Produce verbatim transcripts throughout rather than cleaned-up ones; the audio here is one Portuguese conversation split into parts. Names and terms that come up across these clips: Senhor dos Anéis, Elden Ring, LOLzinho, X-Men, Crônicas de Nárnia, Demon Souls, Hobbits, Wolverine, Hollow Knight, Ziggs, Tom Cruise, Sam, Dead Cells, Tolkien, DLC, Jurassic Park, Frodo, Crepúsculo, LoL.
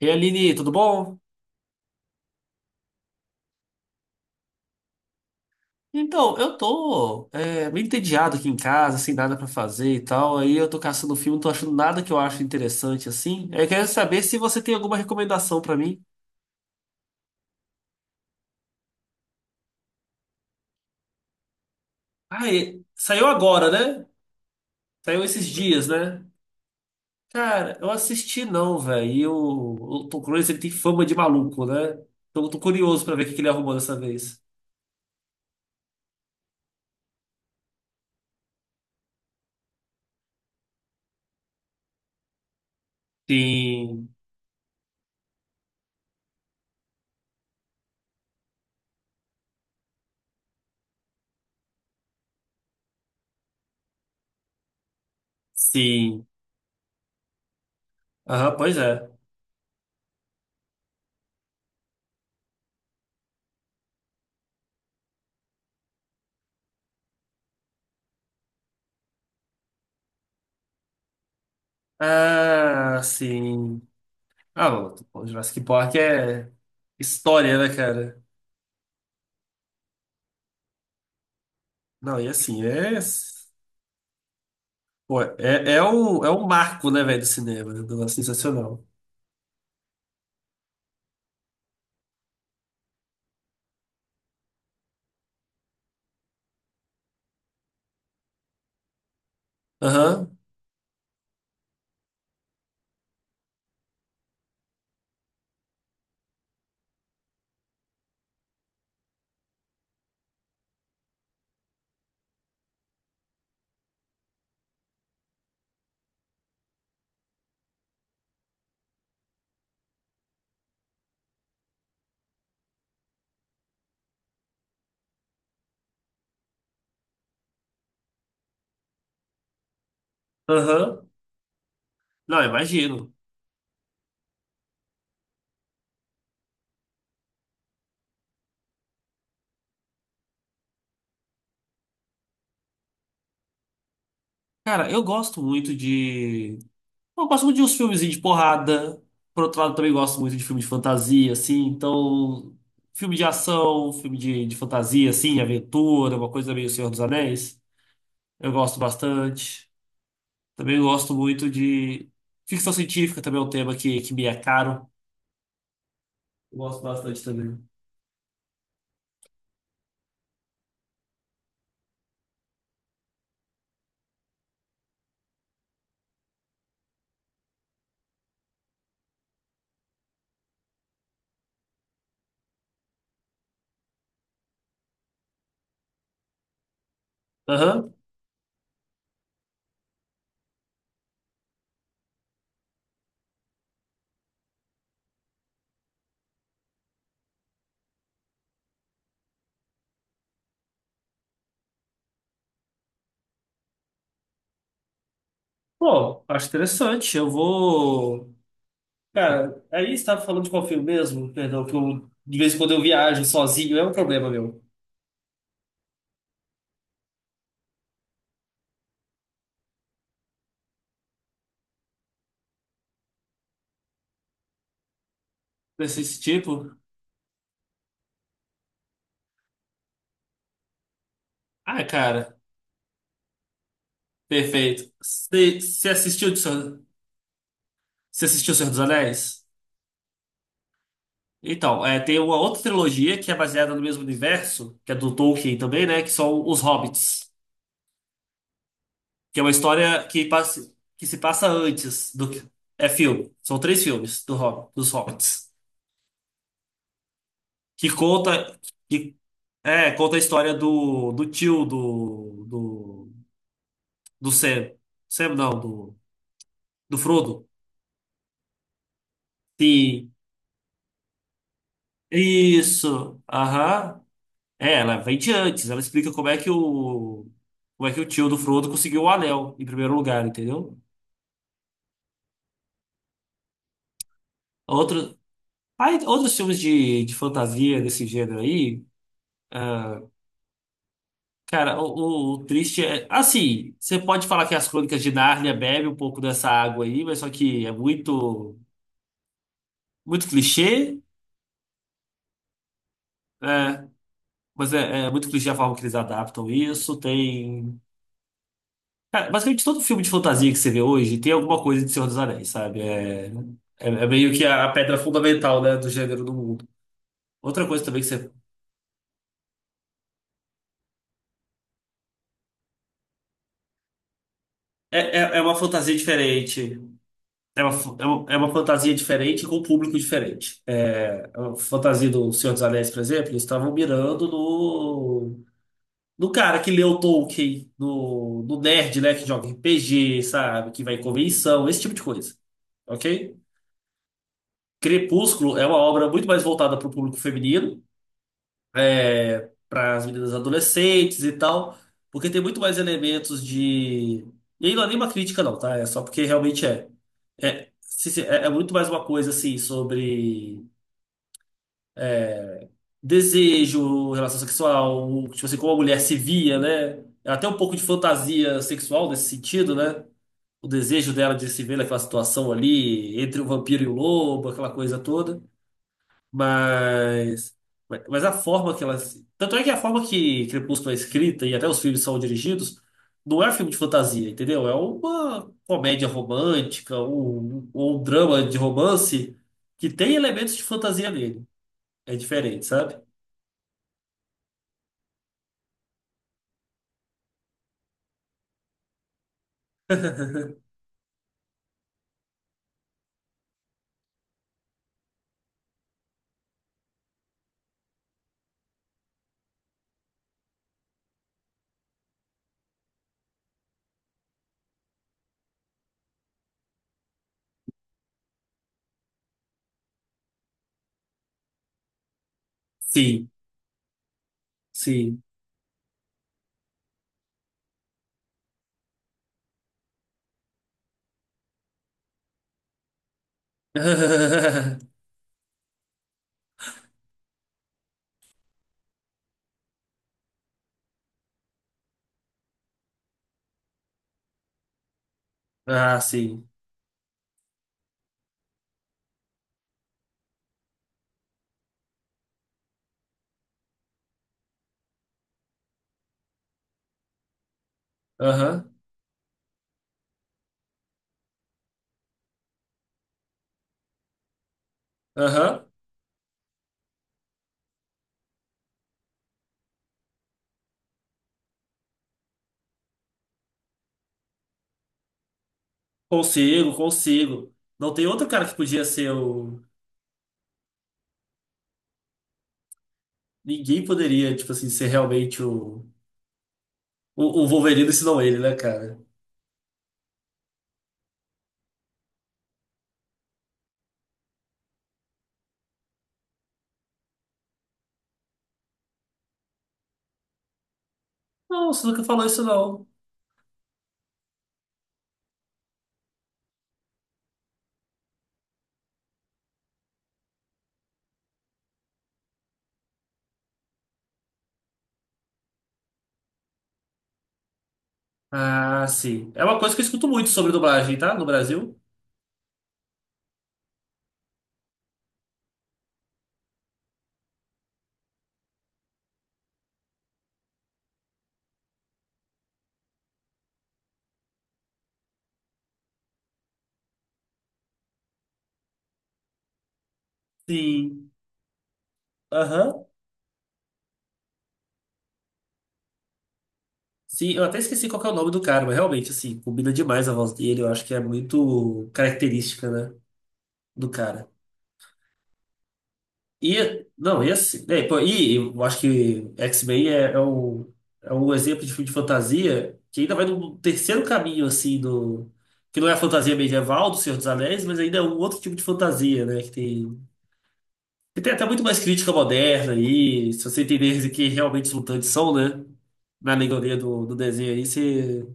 E aí, Aline, tudo bom? Então, eu tô é, meio entediado aqui em casa, sem nada pra fazer e tal. Aí eu tô caçando filme, não tô achando nada que eu acho interessante assim. Aí eu quero saber se você tem alguma recomendação pra mim. Ah, e- saiu agora, né? Saiu esses dias, né? Cara, eu assisti não, velho. E o, o Tom Cruise, ele tem fama de maluco, né? Então eu tô curioso pra ver o que que ele arrumou dessa vez. Sim, sim. Aham, pois é. Ah, sim. Ah, não, pô, Jurassic Park é história, né, cara? Não, e assim, é. Pô, é, é um, é um marco, né, velho, do cinema. É um negócio sensacional. Aham, aham. Não, imagino. Cara, eu gosto muito de. Eu gosto muito de uns filmezinhos de porrada. Por outro lado, também gosto muito de filme de fantasia, assim. Então, filme de ação, filme de, de fantasia, assim, aventura, uma coisa meio Senhor dos Anéis. Eu gosto bastante. Também gosto muito de ficção científica, também é um tema que, que me é caro. Eu gosto bastante também. Aham. Pô, acho interessante. Eu vou. Cara, aí você estava falando de qual filme mesmo? Perdão, que eu, de vez em quando eu viajo sozinho, é um problema meu. Desse tipo? Ah, cara, perfeito. Você você assistiu, de Senhor- você assistiu O Senhor dos Anéis? Então, é, tem uma outra trilogia que é baseada no mesmo universo, que é do Tolkien também, né? Que são os Hobbits. Que é uma história que, passa, que se passa antes do que. É filme. São três filmes do Hob- dos Hobbits. Que conta. Que, é, conta a história do, do tio do, do. Do Sam. Sam não, do, do Frodo. Sim. Isso. Aham. É, ela vem de antes. Ela explica como é que o. Como é que o tio do Frodo conseguiu o anel em primeiro lugar, entendeu? Outro, aí, outros filmes de, de fantasia desse gênero aí. Cara, o, o- o triste é. Assim, você pode falar que as Crônicas de Nárnia bebe um pouco dessa água aí, mas só que é muito, muito clichê, né? Mas é, é muito clichê a forma que eles adaptam isso. Tem. Cara, basicamente todo filme de fantasia que você vê hoje tem alguma coisa de Senhor dos Anéis, sabe? É, é, é meio que a pedra fundamental, né, do gênero do mundo. Outra coisa também que você. É, é, é uma fantasia diferente. É uma, f- é uma, é uma fantasia diferente com um público diferente. É, a fantasia do Senhor dos Anéis, por exemplo, eles estavam mirando no, no cara que leu Tolkien, no, no nerd, né, que joga R P G, sabe, que vai em convenção, esse tipo de coisa. Ok? Crepúsculo é uma obra muito mais voltada para o público feminino, para as meninas adolescentes e tal, porque tem muito mais elementos de. E aí não é nenhuma crítica, não, tá? É só porque realmente é. É, se- se- é, é muito mais uma coisa assim sobre desejo, relação sexual, tipo assim, como a mulher se via, né? É até um pouco de fantasia sexual nesse sentido, né? O desejo dela de se ver naquela situação ali, entre o vampiro e o lobo, aquela coisa toda. Mas, mas mas a forma que elas. Tanto é que a forma que Crepúsculo é escrita e até os filmes são dirigidos não é um filme de fantasia, entendeu? É uma comédia romântica um- ou um, drama de romance que tem elementos de fantasia nele. É diferente, sabe? Sim, sim. Ah, sim. Aham, aham. Consigo, consigo. Não tem outro cara que podia ser o. Ninguém poderia, tipo assim, ser realmente o. O, o Wolverine ensinou ele, né, cara? Não, você nunca falou isso, não. Ah, sim. É uma coisa que eu escuto muito sobre dublagem, tá? No Brasil. Sim. Aham. Sim, eu até esqueci qual que é o nome do cara, mas realmente, assim, combina demais a voz dele. Eu acho que é muito característica, né, do cara. E, não, e assim, né, pô, e eu acho que X-Men é, é, um, é um exemplo de filme de fantasia que ainda vai no terceiro caminho, assim, do, que não é a fantasia medieval do Senhor dos Anéis, mas ainda é um outro tipo de fantasia, né, que tem. E tem até muito mais crítica moderna aí, se você entender que realmente os mutantes são, né? Na alegoria do, do desenho aí, você,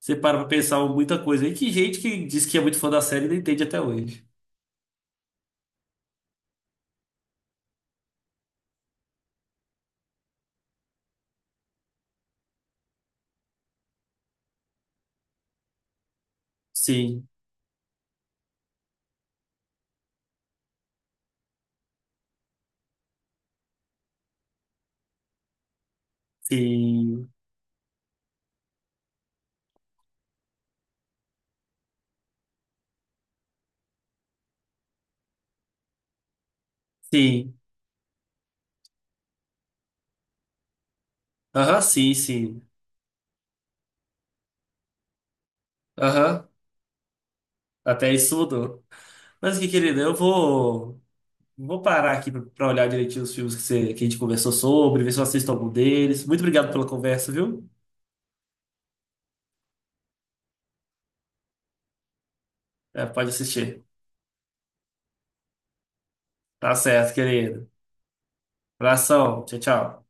você para pra pensar muita coisa aí. Que gente que diz que é muito fã da série e não entende até hoje. Sim, sim, sim. Aham, sim, sim. Aham, até isso mudou. Mas que querido, eu vou, vou parar aqui pra pra olhar direitinho os filmes que, você, que a gente conversou sobre, ver se eu assisto algum deles. Muito obrigado pela conversa, viu? É, pode assistir. Tá certo, querido. Abração, tchau, tchau.